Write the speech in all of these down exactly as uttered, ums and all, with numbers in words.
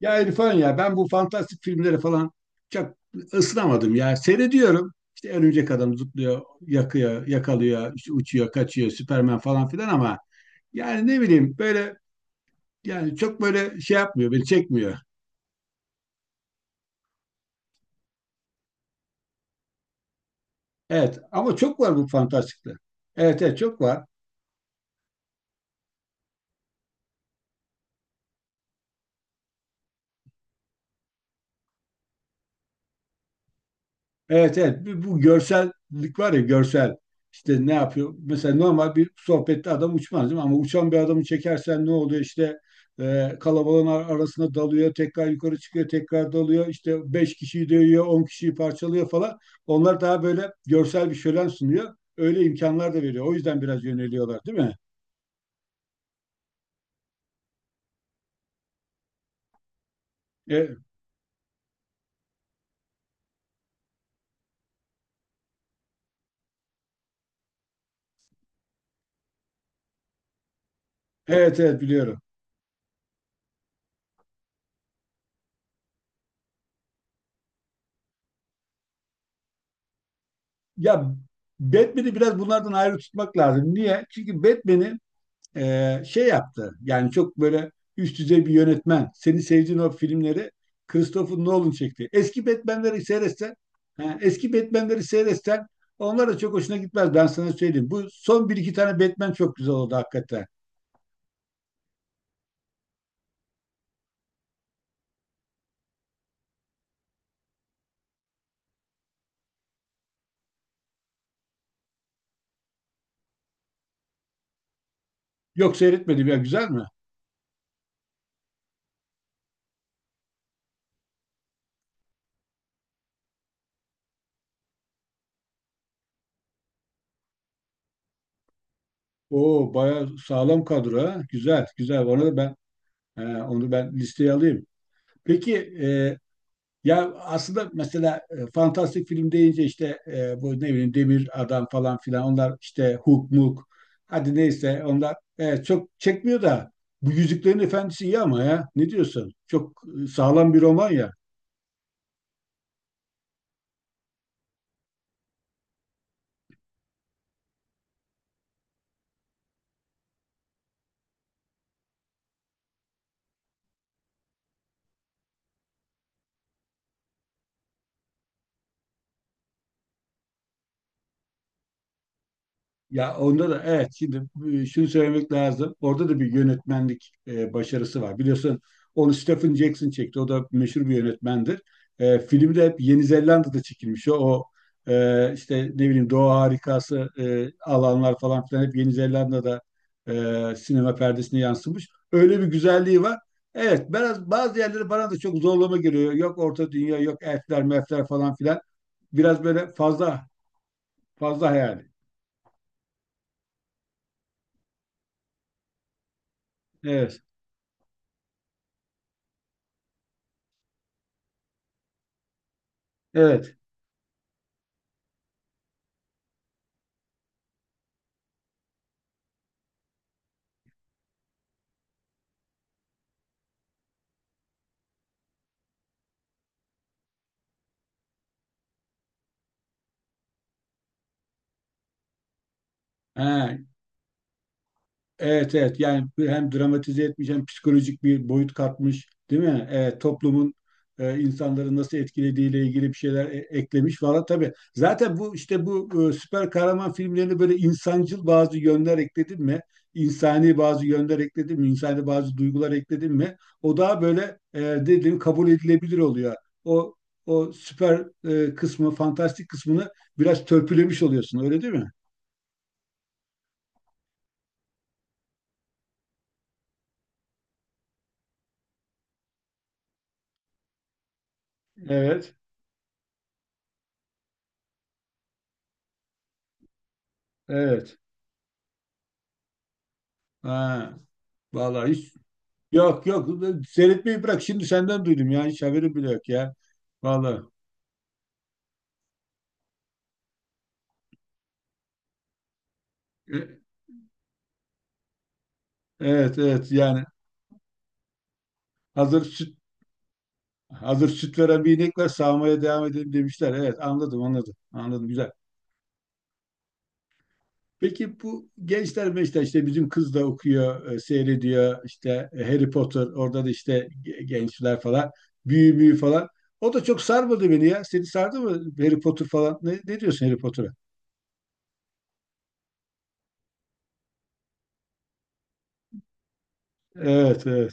Ya İrfan ya ben bu fantastik filmleri falan çok ısınamadım ya. Seyrediyorum. İşte örümcek adam zıplıyor, yakıyor, yakalıyor, işte uçuyor, kaçıyor, Süperman falan filan ama yani ne bileyim böyle yani çok böyle şey yapmıyor, beni çekmiyor. Evet ama çok var bu fantastikler. Evet, evet, çok var. Evet, evet, bu bu görsellik var ya görsel işte ne yapıyor mesela normal bir sohbette adam uçmaz değil mi ama uçan bir adamı çekersen ne oluyor işte e, kalabalığın ar- arasına dalıyor tekrar yukarı çıkıyor tekrar dalıyor işte beş kişiyi dövüyor on kişiyi parçalıyor falan onlar daha böyle görsel bir şölen sunuyor öyle imkanlar da veriyor o yüzden biraz yöneliyorlar değil mi? E, evet, evet, biliyorum. Ya Batman'i biraz bunlardan ayrı tutmak lazım. Niye? Çünkü Batman'i e, şey yaptı. Yani çok böyle üst düzey bir yönetmen. Seni sevdiğin o filmleri Christopher Nolan çekti. Eski Batman'leri seyretsen, ha, eski Batman'leri seyretsen onlar da çok hoşuna gitmez. Ben sana söyleyeyim. Bu son bir iki tane Batman çok güzel oldu hakikaten. Yok, seyretmedim ya, güzel mi? Oo, bayağı sağlam kadro ha. Güzel, güzel. Onu da ben e, onu ben listeye alayım. Peki e, Ya aslında mesela e, fantastik film deyince işte e, bu ne bileyim Demir Adam falan filan onlar işte Hook Mook hadi neyse onlar e, çok çekmiyor da bu Yüzüklerin Efendisi iyi ama ya ne diyorsun? Çok e, sağlam bir roman ya. Ya onda da evet şimdi e, şunu söylemek lazım. Orada da bir yönetmenlik e, başarısı var. Biliyorsun onu Stephen Jackson çekti. O da meşhur bir yönetmendir. E, film de hep Yeni Zelanda'da çekilmiş. O, o, e, işte ne bileyim doğa harikası e, alanlar falan filan hep Yeni Zelanda'da e, sinema perdesine yansımış. Öyle bir güzelliği var. Evet, biraz bazı yerleri bana da çok zorlama geliyor. Yok Orta Dünya, yok elfler, mefler falan filan. Biraz böyle fazla fazla hayali. Evet. Evet. Ha, evet, evet, yani bir- hem dramatize etmiş hem psikolojik bir boyut katmış değil mi? Evet, toplumun e, insanları nasıl etkilediğiyle ilgili bir şeyler e- eklemiş falan tabii. Zaten bu işte bu e, süper kahraman filmlerine böyle insancıl bazı yönler ekledin mi? İnsani bazı yönler ekledin mi? İnsani bazı duygular ekledin mi? O daha böyle e, dediğim kabul edilebilir oluyor. O o süper e, kısmı, fantastik kısmını biraz törpülemiş oluyorsun öyle değil mi? Evet, evet. Ha. Vallahi hiç, yok, yok, seyretmeyi bırak. Şimdi senden duydum ya. Hiç haberim bile yok ya. Vallahi E, evet, evet, yani hazır süt hazır süt veren bir inek var, sağmaya devam edelim demişler. Evet, anladım, anladım. Anladım, güzel. Peki bu gençler meşte işte bizim kız da okuyor, e, seyrediyor işte e, Harry Potter, orada da işte ge- gençler falan büyü büyü falan. O da çok sarmadı beni ya. Seni sardı mı Harry Potter falan? Ne, ne diyorsun Harry Potter'a? Evet, evet.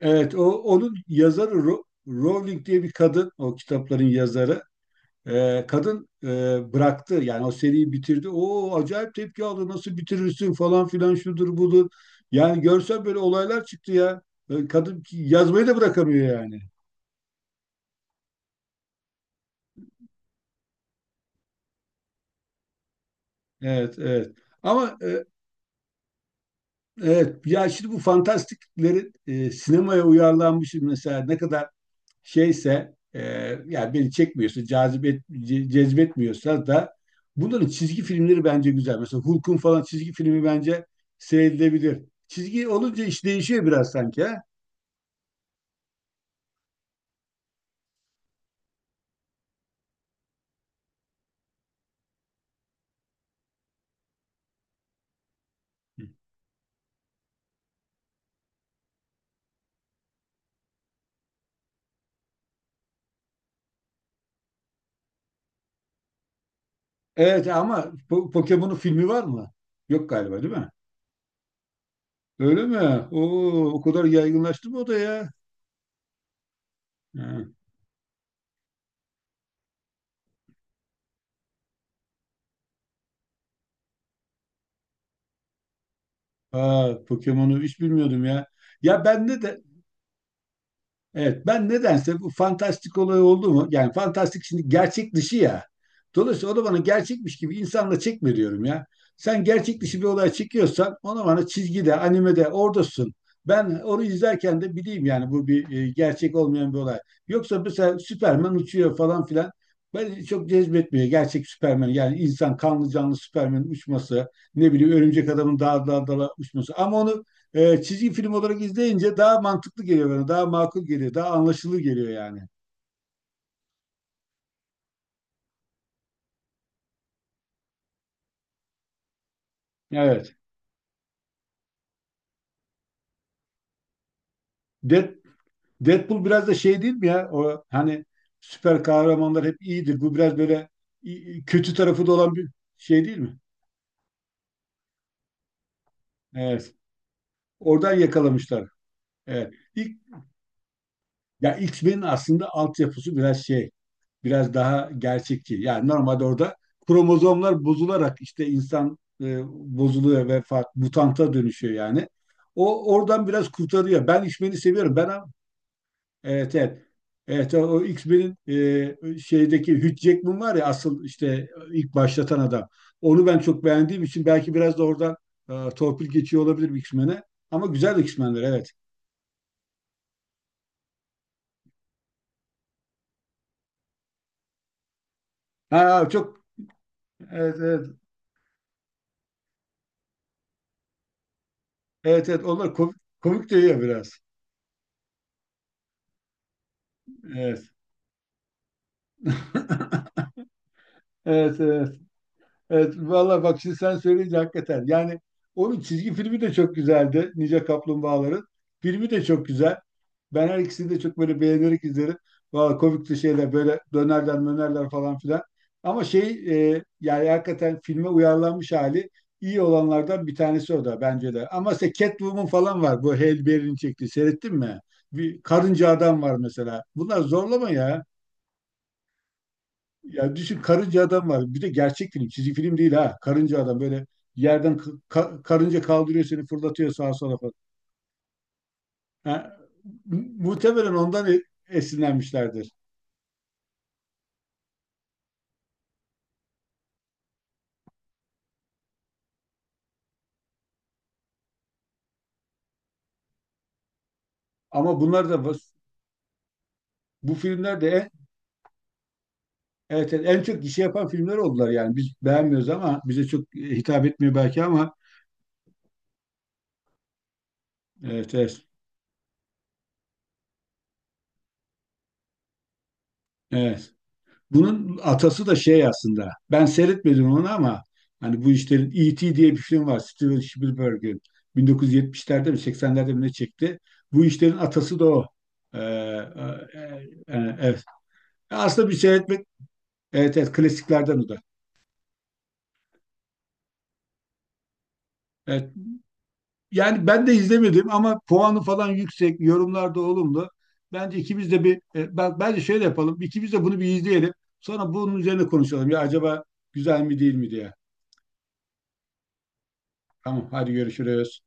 Evet, o onun yazarı Ro- Rowling diye bir kadın, o kitapların yazarı. Ee, kadın e, bıraktı, yani o seriyi bitirdi. O acayip tepki aldı, nasıl bitirirsin falan filan şudur budur. Yani görsen böyle olaylar çıktı ya. Ee, Kadın ki- yazmayı da bırakamıyor yani. Evet, evet. Ama e, evet, ya şimdi bu fantastiklerin e, sinemaya uyarlanmış mesela ne kadar şeyse e, yani beni çekmiyorsa, cazibet, ce- cezbetmiyorsa da bunların çizgi filmleri bence güzel. Mesela Hulk'un falan çizgi filmi bence seyredilebilir. Çizgi olunca iş değişiyor biraz sanki, ha? Evet ama Po- Pokemon'un filmi var mı? Yok galiba, değil mi? Öyle mi? Oo, o kadar yaygınlaştı mı o da ya? Ha. Aa, Pokemon'u hiç bilmiyordum ya. Ya bende de. Evet, ben nedense bu fantastik olay oldu mu? Yani fantastik şimdi gerçek dışı ya. Dolayısıyla o da bana gerçekmiş gibi insanla çekme diyorum ya. Sen gerçek dışı bir olay çekiyorsan ona bana çizgide, animede oradasın. Ben onu izlerken de bileyim yani bu bir e, gerçek olmayan bir olay. Yoksa mesela Süperman uçuyor falan filan. Ben çok cezbetmiyor gerçek Süperman. Yani insan kanlı canlı Süperman'in uçması, ne bileyim örümcek adamın dağ dağ dala uçması. Ama onu e, çizgi film olarak izleyince daha mantıklı geliyor bana. Daha makul geliyor. Daha anlaşılır geliyor yani. Evet. Dead, Deadpool biraz da şey değil mi ya? O hani süper kahramanlar hep iyidir. Bu biraz böyle i- kötü tarafı da olan bir şey değil mi? Evet. Oradan yakalamışlar. Evet. İlk, ya X-Men'in aslında altyapısı biraz şey, biraz daha gerçekçi. Yani normalde orada kromozomlar bozularak işte insan e, bozuluyor ve farklı mutanta dönüşüyor yani. O oradan biraz kurtarıyor. Ben X-Men'i seviyorum. Ben am- evet, evet. Evet o o X-Men'in e, şeydeki Hugh Jackman var ya asıl işte ilk başlatan adam. Onu ben çok beğendiğim için belki biraz da oradan e, torpil geçiyor olabilir X-Men'e. Ama güzel X-Men'ler, evet. Ha, çok, evet, evet. Evet, evet, onlar komik, komik de ya biraz. Evet. Evet, evet. Evet, valla bak şimdi sen söyleyince hakikaten. Yani onun çizgi filmi de çok güzeldi. Ninja Kaplumbağaların. Filmi de çok güzel. Ben her ikisini de çok böyle beğenerek izlerim. Valla komikti şeyler, böyle dönerler mönerler falan filan. Ama şey e, yani hakikaten filme uyarlanmış hali iyi olanlardan bir tanesi o da bence de. Ama işte Catwoman falan var. Bu Halle Berry'nin çektiği. Seyrettin mi? Bir karınca adam var mesela. Bunlar zorlama ya. Ya düşün, karınca adam var. Bir de gerçek film. Çizgi film değil ha. Karınca adam böyle yerden k- ka- karınca kaldırıyor, seni fırlatıyor sağa sola falan. Ha, mu- muhtemelen ondan e- esinlenmişlerdir. Ama bunlar da bas- bu filmler de en, evet, evet, en çok gişe yapan filmler oldular yani. Biz beğenmiyoruz ama bize çok hitap etmiyor belki ama evet, evet. Evet. Bunun atası da şey aslında. Ben seyretmedim onu ama hani bu işlerin i ti diye bir film var. Steven Spielberg'in bin dokuz yüz yetmişlerde mi seksenlerde mi ne çekti. Bu işlerin atası da o. Ee, e, e, e, evet. Aslında bir seyretmek evet, evet, klasiklerden o da. Evet. Yani ben de izlemedim ama puanı falan yüksek, yorumlar da olumlu. Bence ikimiz de bir e, ben- bence şöyle yapalım. İkimiz de bunu bir izleyelim. Sonra bunun üzerine konuşalım. Ya acaba güzel mi değil mi diye. Tamam, hadi görüşürüz.